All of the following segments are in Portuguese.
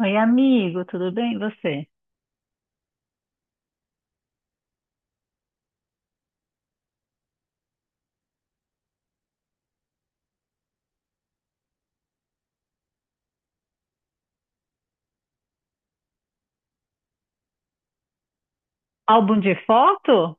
Oi, amigo, tudo bem? E você? Álbum de foto?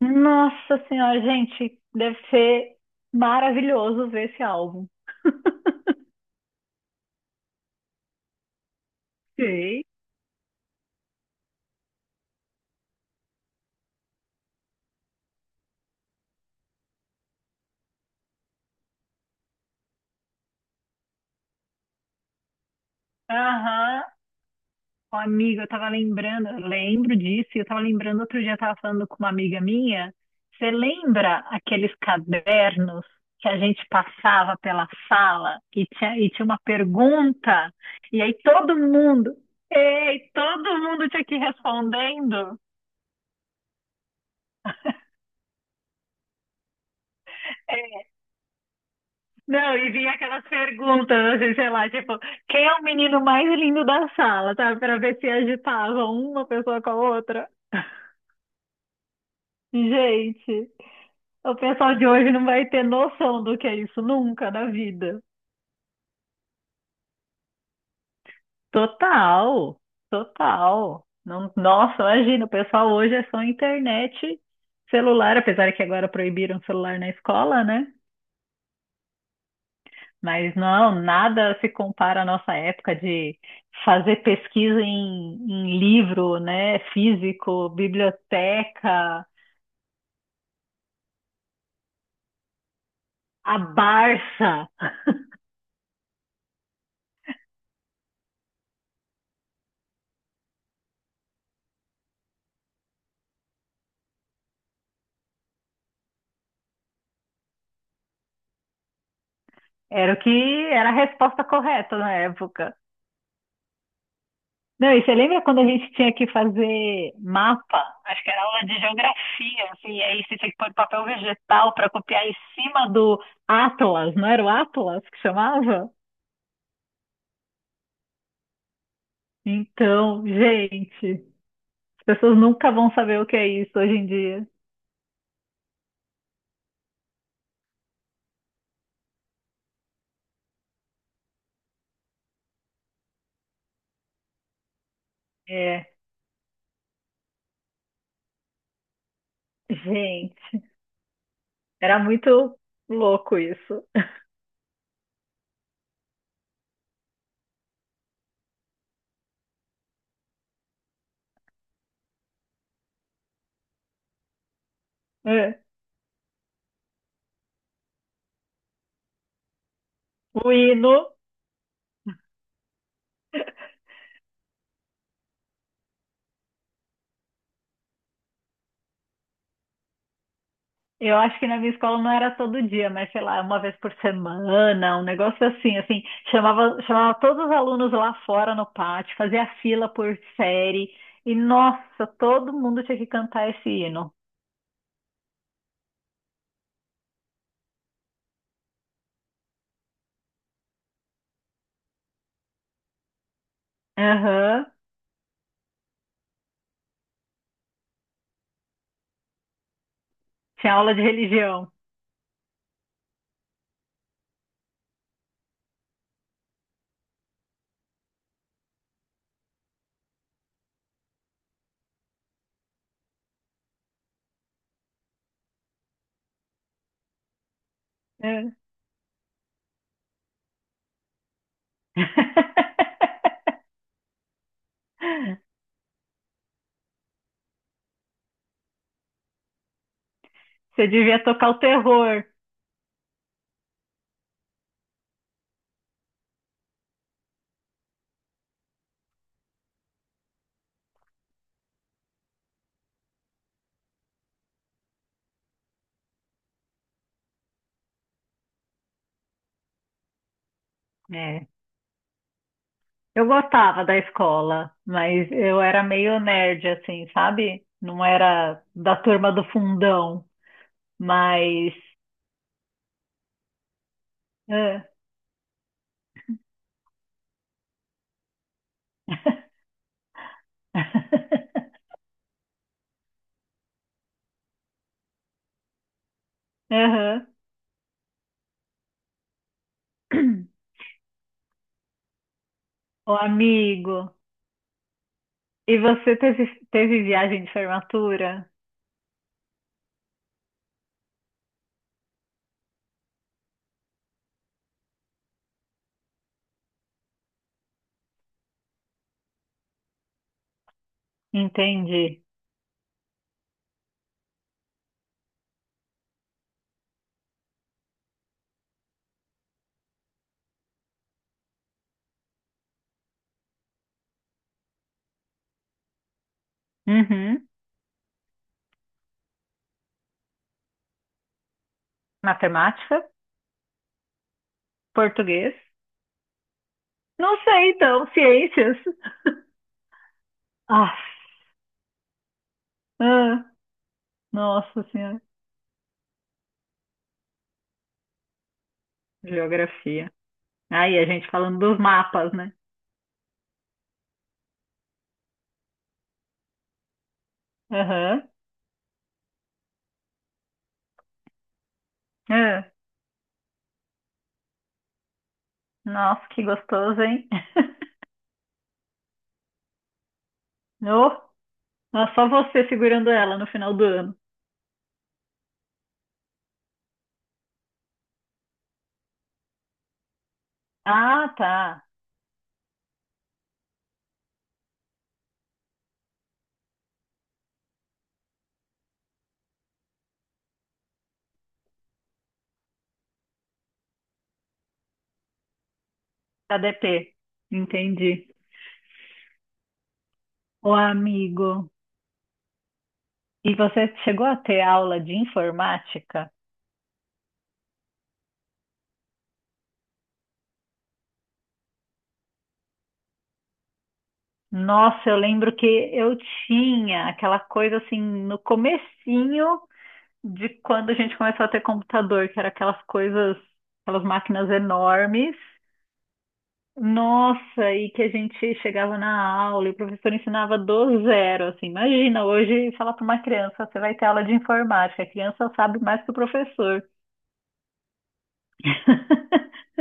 Nossa senhora, gente, deve ser maravilhoso ver esse álbum. Sei. Aham. Ô, amigo, eu tava lembrando, eu lembro disso, e eu tava lembrando, outro dia eu tava falando com uma amiga minha. Você lembra aqueles cadernos que a gente passava pela sala e tinha uma pergunta, e aí todo mundo, ei, todo mundo tinha que ir respondendo? Não, e vinha aquelas perguntas, assim, sei lá, tipo, quem é o menino mais lindo da sala, sabe? Pra ver se agitava uma pessoa com a outra. Gente, o pessoal de hoje não vai ter noção do que é isso nunca na vida. Total, total. Não, nossa, imagina, o pessoal hoje é só internet, celular, apesar que agora proibiram celular na escola, né? Mas não, nada se compara à nossa época de fazer pesquisa em livro, né? Físico, biblioteca, a Barça. Era o que era a resposta correta na época. Não, e você lembra quando a gente tinha que fazer mapa? Acho que era aula de geografia, assim, e aí você tinha que pôr papel vegetal para copiar em cima do Atlas, não era o Atlas que chamava? Então, gente, as pessoas nunca vão saber o que é isso hoje em dia. É, gente, era muito louco isso. É. O hino, eu acho que na minha escola não era todo dia, mas sei lá, uma vez por semana, um negócio assim, assim, chamava, chamava todos os alunos lá fora no pátio, fazia fila por série, e nossa, todo mundo tinha que cantar esse hino. Aham. Tinha aula de religião. É. Você devia tocar o terror. É. Eu gostava da escola, mas eu era meio nerd, assim, sabe? Não era da turma do fundão, mas. É. Aham. O amigo. E você teve, teve viagem de formatura? Entendi. Uhum. Matemática? Português? Não sei, então. Ciências? Ah, ah, nossa senhora. Geografia. Aí, a gente falando dos mapas, né? Aham. Nossa, que gostoso, hein? Ô, é só você segurando ela no final do ano. Ah, tá. ADP. Entendi. Ô, amigo, e você chegou a ter aula de informática? Nossa, eu lembro que eu tinha aquela coisa assim no comecinho de quando a gente começou a ter computador, que era aquelas coisas, aquelas máquinas enormes. Nossa, e que a gente chegava na aula e o professor ensinava do zero, assim. Imagina hoje falar para uma criança, você vai ter aula de informática, a criança sabe mais que o professor,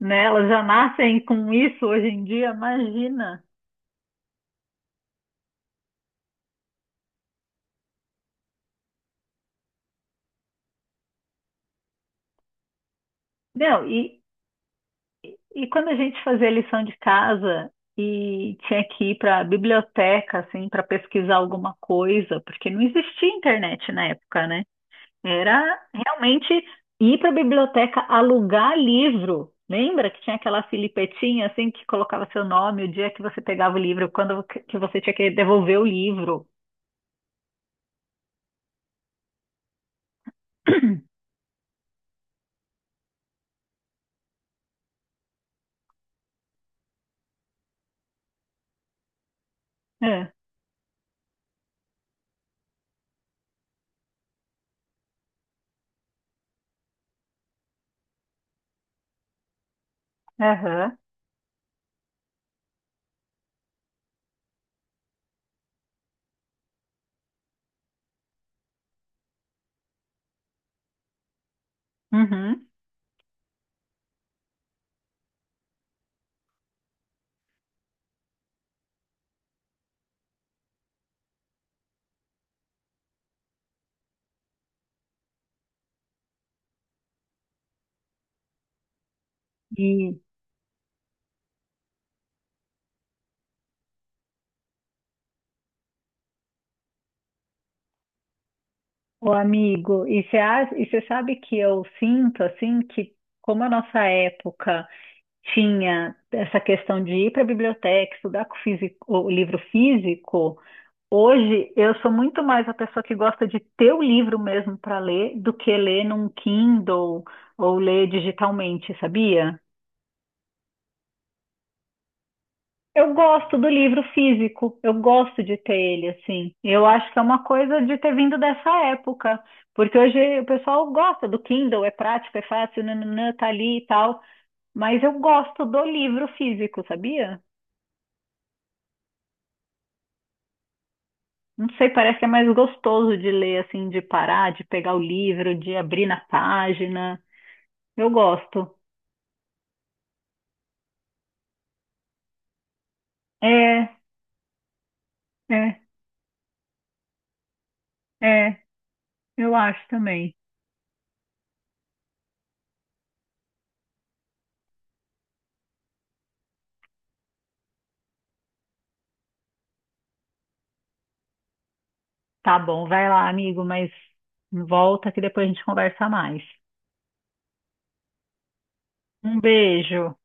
né? Elas já nascem com isso hoje em dia, imagina. Não, e quando a gente fazia lição de casa e tinha que ir para a biblioteca, assim, para pesquisar alguma coisa, porque não existia internet na época, né? Era realmente ir para a biblioteca alugar livro. Lembra que tinha aquela filipetinha assim que colocava seu nome, o dia que você pegava o livro, quando que você tinha que devolver o livro? É, aham, uhum. E, o amigo, e você sabe que eu sinto assim que como a nossa época tinha essa questão de ir para a biblioteca, estudar com o físico- o livro físico, hoje eu sou muito mais a pessoa que gosta de ter o livro mesmo para ler do que ler num Kindle ou ler digitalmente, sabia? Eu gosto do livro físico, eu gosto de ter ele assim. Eu acho que é uma coisa de ter vindo dessa época, porque hoje o pessoal gosta do Kindle, é prático, é fácil, nananã, tá ali e tal, mas eu gosto do livro físico, sabia? Não sei, parece que é mais gostoso de ler, assim, de parar, de pegar o livro, de abrir na página. Eu gosto. É, é, é, eu acho também. Tá bom, vai lá, amigo, mas volta que depois a gente conversa mais. Um beijo.